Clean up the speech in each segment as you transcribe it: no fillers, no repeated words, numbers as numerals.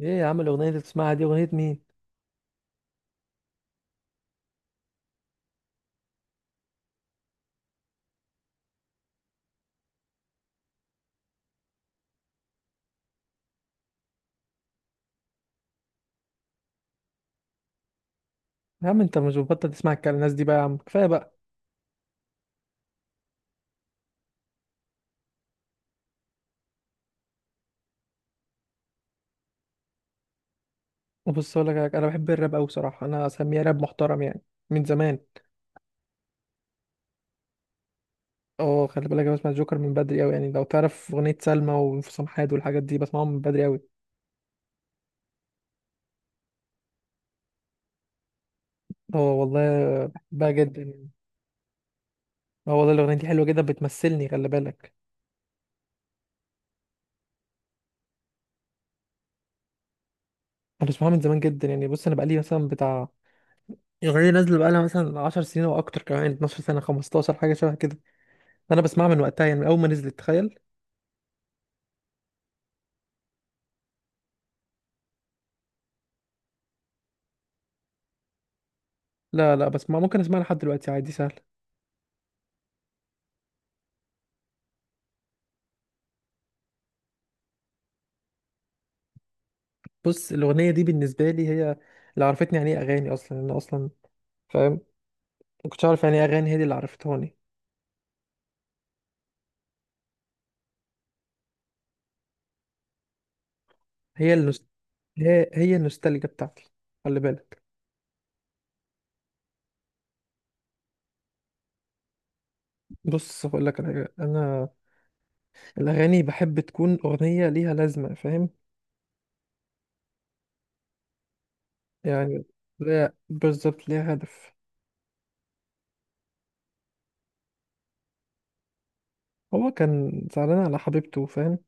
ايه يا عم؟ الاغنيه اللي بتسمعها دي اغنيه مين؟ يا عم انت مش بتبطل تسمع الكلام الناس دي بقى يا عم، كفايه بقى. وبص اقول لك حاجة، انا بحب الراب قوي بصراحه، انا اسميها راب محترم يعني، من زمان. اه خلي بالك، انا بسمع جوكر من بدري قوي يعني، لو تعرف اغنيه سلمى وانفصام حاد والحاجات دي بسمعهم من بدري قوي. اه والله. بقى جدا يعني. اه والله، الاغنيه دي حلوه جدا بتمثلني، خلي بالك. انا بسمعها من زمان جدا يعني. بص، انا بقالي مثلا بتاع، الاغنيه دي نازله بقالها مثلا 10 سنين او اكتر، كمان 12 سنه، 15 حاجه شبه كده. انا بسمعها من وقتها يعني، من اول ما نزلت تخيل. لا لا، بسمع، ممكن اسمعها لحد دلوقتي عادي سهل. بص، الاغنيه دي بالنسبه لي هي اللي عرفتني يعني ايه اغاني اصلا، انا اصلا فاهم. ما كنتش عارف يعني ايه اغاني، هي دي اللي عرفتهاني. هي النوست... هي النوستالجيا بتاعتي، خلي بالك. بص هقول لك على حاجه، انا الاغاني بحب تكون اغنيه ليها لازمه، فاهم؟ يعني، لا بالظبط، ليها هدف. هو كان زعلان على حبيبته، فاهم؟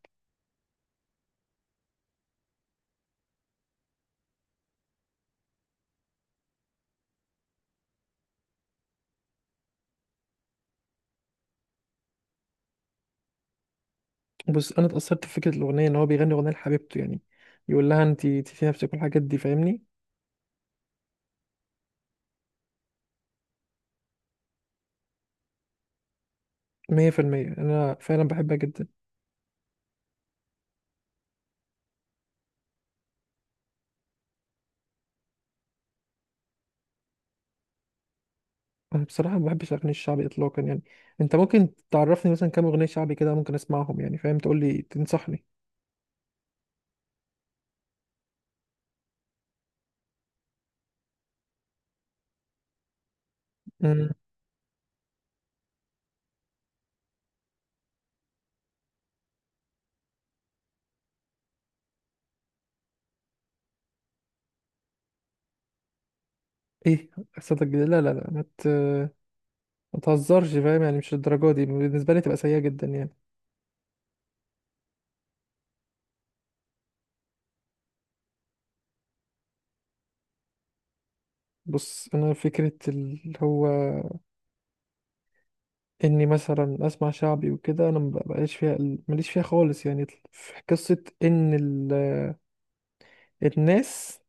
بس انا اتاثرت بفكره الاغنيه، ان هو بيغني اغنيه لحبيبته يعني، يقول لها انت في نفسك والحاجات دي فاهمني. 100% انا فعلا بحبها جدا. انا بصراحه ما بحبش الاغاني الشعبي اطلاقا يعني. انت ممكن تعرفني مثلا كام اغنيه شعبي كده ممكن اسمعهم؟ يعني فاهم، تقول لي، تنصحني. امم. ايه قصتك الجديده؟ لا لا لا، ما تهزرش، فاهم يعني؟ مش الدرجه دي، بالنسبه لي تبقى سيئه جدا يعني. بص، انا فكره اللي هو اني مثلا اسمع شعبي وكده، انا ما بقاش فيها، ماليش فيها خالص يعني. في قصه ان الناس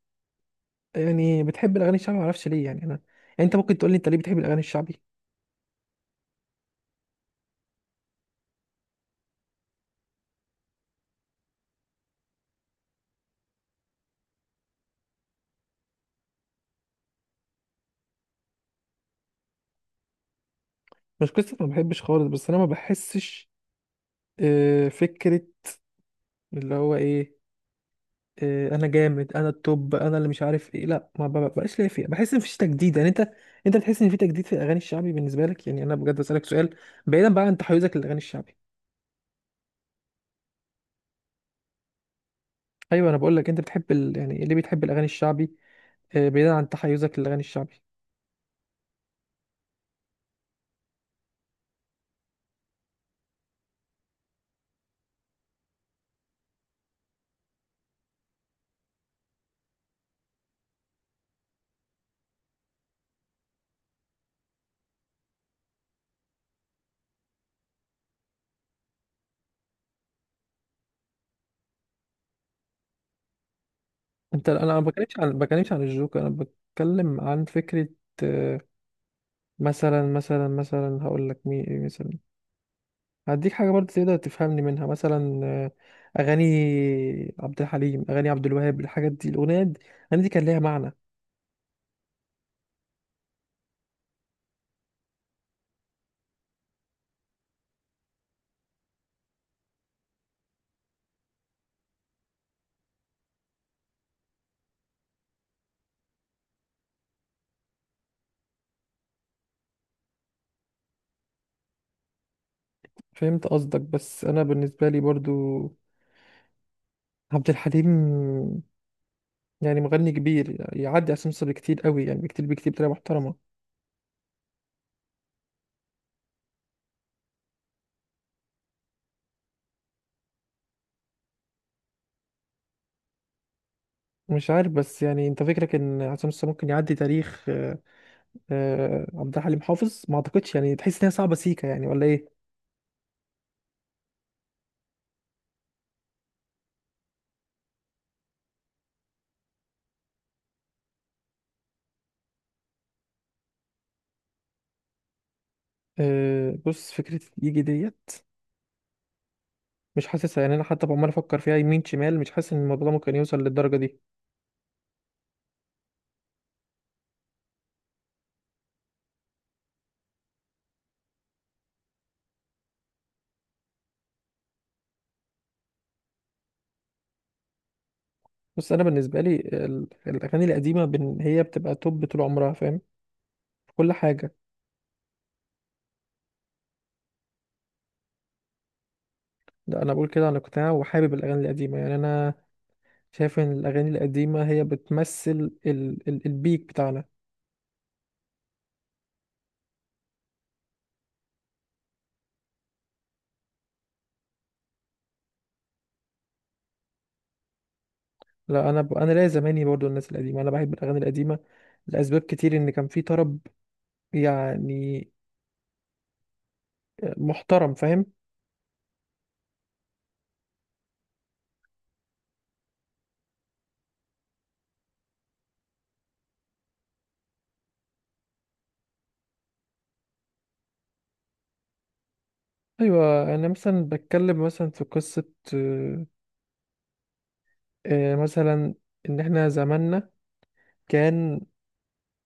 يعني بتحب الاغاني الشعبي، ما اعرفش ليه يعني. انا يعني انت ممكن تقول لي انت ليه بتحب الاغاني الشعبي؟ مش قصه ما بحبش خالص، بس انا ما بحسش فكرة اللي هو ايه. انا جامد، انا التوب، انا اللي مش عارف ايه، لا ما ب- بقاش ليا فيها، بحس ان مفيش تجديد يعني. انت بتحس ان في تجديد في الاغاني الشعبي بالنسبة لك يعني؟ انا بجد بسألك سؤال، بعيدا بقى عن تحيزك للاغاني الشعبي. ايوه، انا بقول لك، انت بتحب يعني اللي بتحب الاغاني الشعبي، بعيدا عن تحيزك للاغاني الشعبي. أنا ما بتكلمش عن الجوكر، انا بتكلم عن فكرة. آه، مثلا، هقول لك مين إيه مثلا، هديك حاجة برضه تقدر تفهمني منها مثلا. أغاني عبد الحليم، أغاني عبد الوهاب، الحاجات دي الأغنية دي الأغاني دي كان ليها معنى. فهمت قصدك، بس أنا بالنسبة لي برضه عبد الحليم يعني مغني كبير، يعدي عصام صاصا بكتير قوي يعني، بكتير بكتير، بطريقة محترمة. مش عارف، بس يعني أنت فكرك إن عصام صاصا ممكن يعدي تاريخ عبد الحليم حافظ؟ ما أعتقدش يعني، تحس إنها صعبة سيكا يعني ولا إيه؟ بص، فكرة يجي ديت، مش حاسس يعني. انا حتى عمال افكر فيها يمين شمال، مش حاسس ان الموضوع ده ممكن يوصل للدرجه دي. بس انا بالنسبه لي الاغاني القديمه هي بتبقى توب طول عمرها، فاهم؟ في كل حاجه. ده انا بقول كده عن اقتناع، وحابب الاغاني القديمه يعني. انا شايف ان الاغاني القديمه هي بتمثل ال ال البيك بتاعنا. لا، انا ليا زماني برضو، الناس القديمه، انا بحب الاغاني القديمه لاسباب كتير، ان كان في طرب يعني محترم، فاهم؟ ايوه، انا مثلا بتكلم مثلا في قصه، مثلا، ان احنا زماننا كان،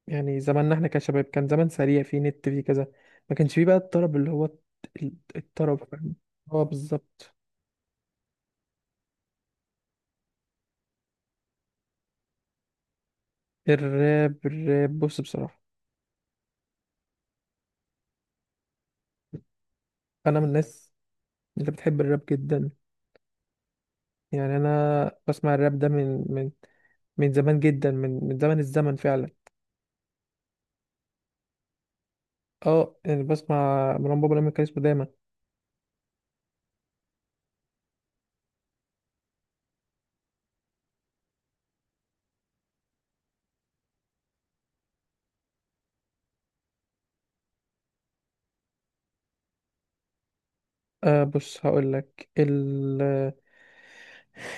يعني زماننا احنا كشباب كان زمان سريع، فيه نت فيه كذا، ما كانش فيه بقى الطرب اللي هو الطرب، فاهم؟ هو بالظبط. الراب، بص بصراحة، انا من الناس اللي بتحب الراب جدا يعني. انا بسمع الراب ده من زمان جدا، من زمن الزمن فعلا. اه، يعني بسمع مروان بابا لما كان اسمه دايما. بص، هقول لك،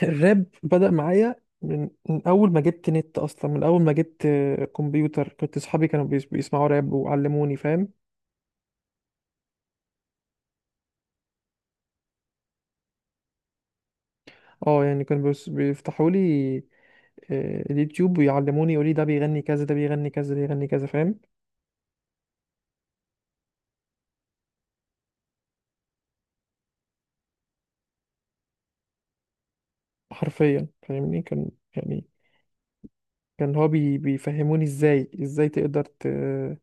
الراب بدأ معايا من أول ما جبت نت أصلا، من أول ما جبت كمبيوتر. كنت صحابي كانوا بيسمعوا راب وعلموني، فاهم؟ اه، يعني كانوا بيفتحوا لي اليوتيوب ويعلموني، يقولي ده بيغني كذا، ده بيغني كذا، ده بيغني كذا، فاهم؟ حرفيا، فاهمني؟ كان يعني، كان هو بيفهموني ازاي، تقدر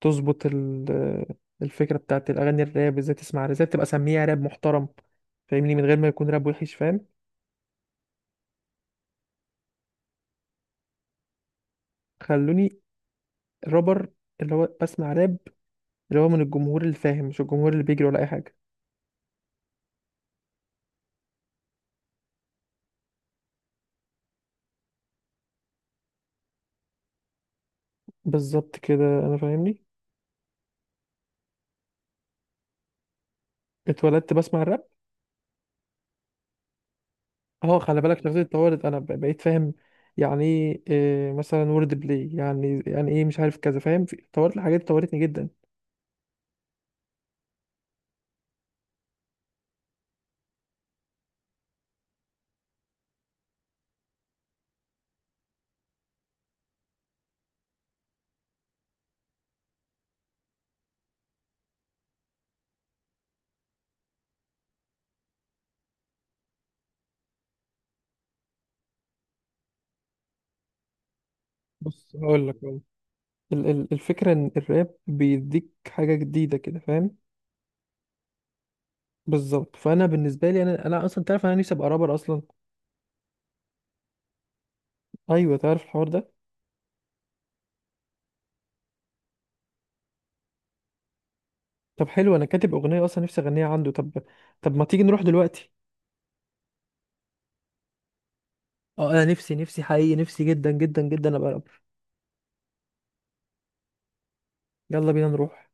تظبط الفكرة بتاعت الأغاني الراب، ازاي تسمع، ازاي تبقى سميها راب محترم فاهمني؟ من غير ما يكون راب وحش، فاهم؟ خلوني الرابر، اللي هو بسمع راب، اللي هو من الجمهور اللي فاهم، مش الجمهور اللي بيجري ولا اي حاجه. بالظبط كده، انا فاهمني. اتولدت بسمع الراب. اه خلي بالك، شخصيتي اتطورت، انا بقيت فاهم يعني ايه، مثلا وورد بلاي، يعني ايه، مش عارف كذا، فاهم؟ اتطورت الحاجات، اتطورتني جدا. بص هقول لك والله. الفكره ان الراب بيديك حاجه جديده كده، فاهم؟ بالظبط، فانا بالنسبه لي، انا اصلا تعرف انا نفسي ابقى رابر اصلا. ايوه، تعرف الحوار ده؟ طب حلو، انا كاتب اغنيه اصلا نفسي اغنيها عنده. طب، ما تيجي نروح دلوقتي. اه، انا نفسي، نفسي حقيقي، نفسي جدا جدا جدا ابقى رابر. يلا بينا نروح.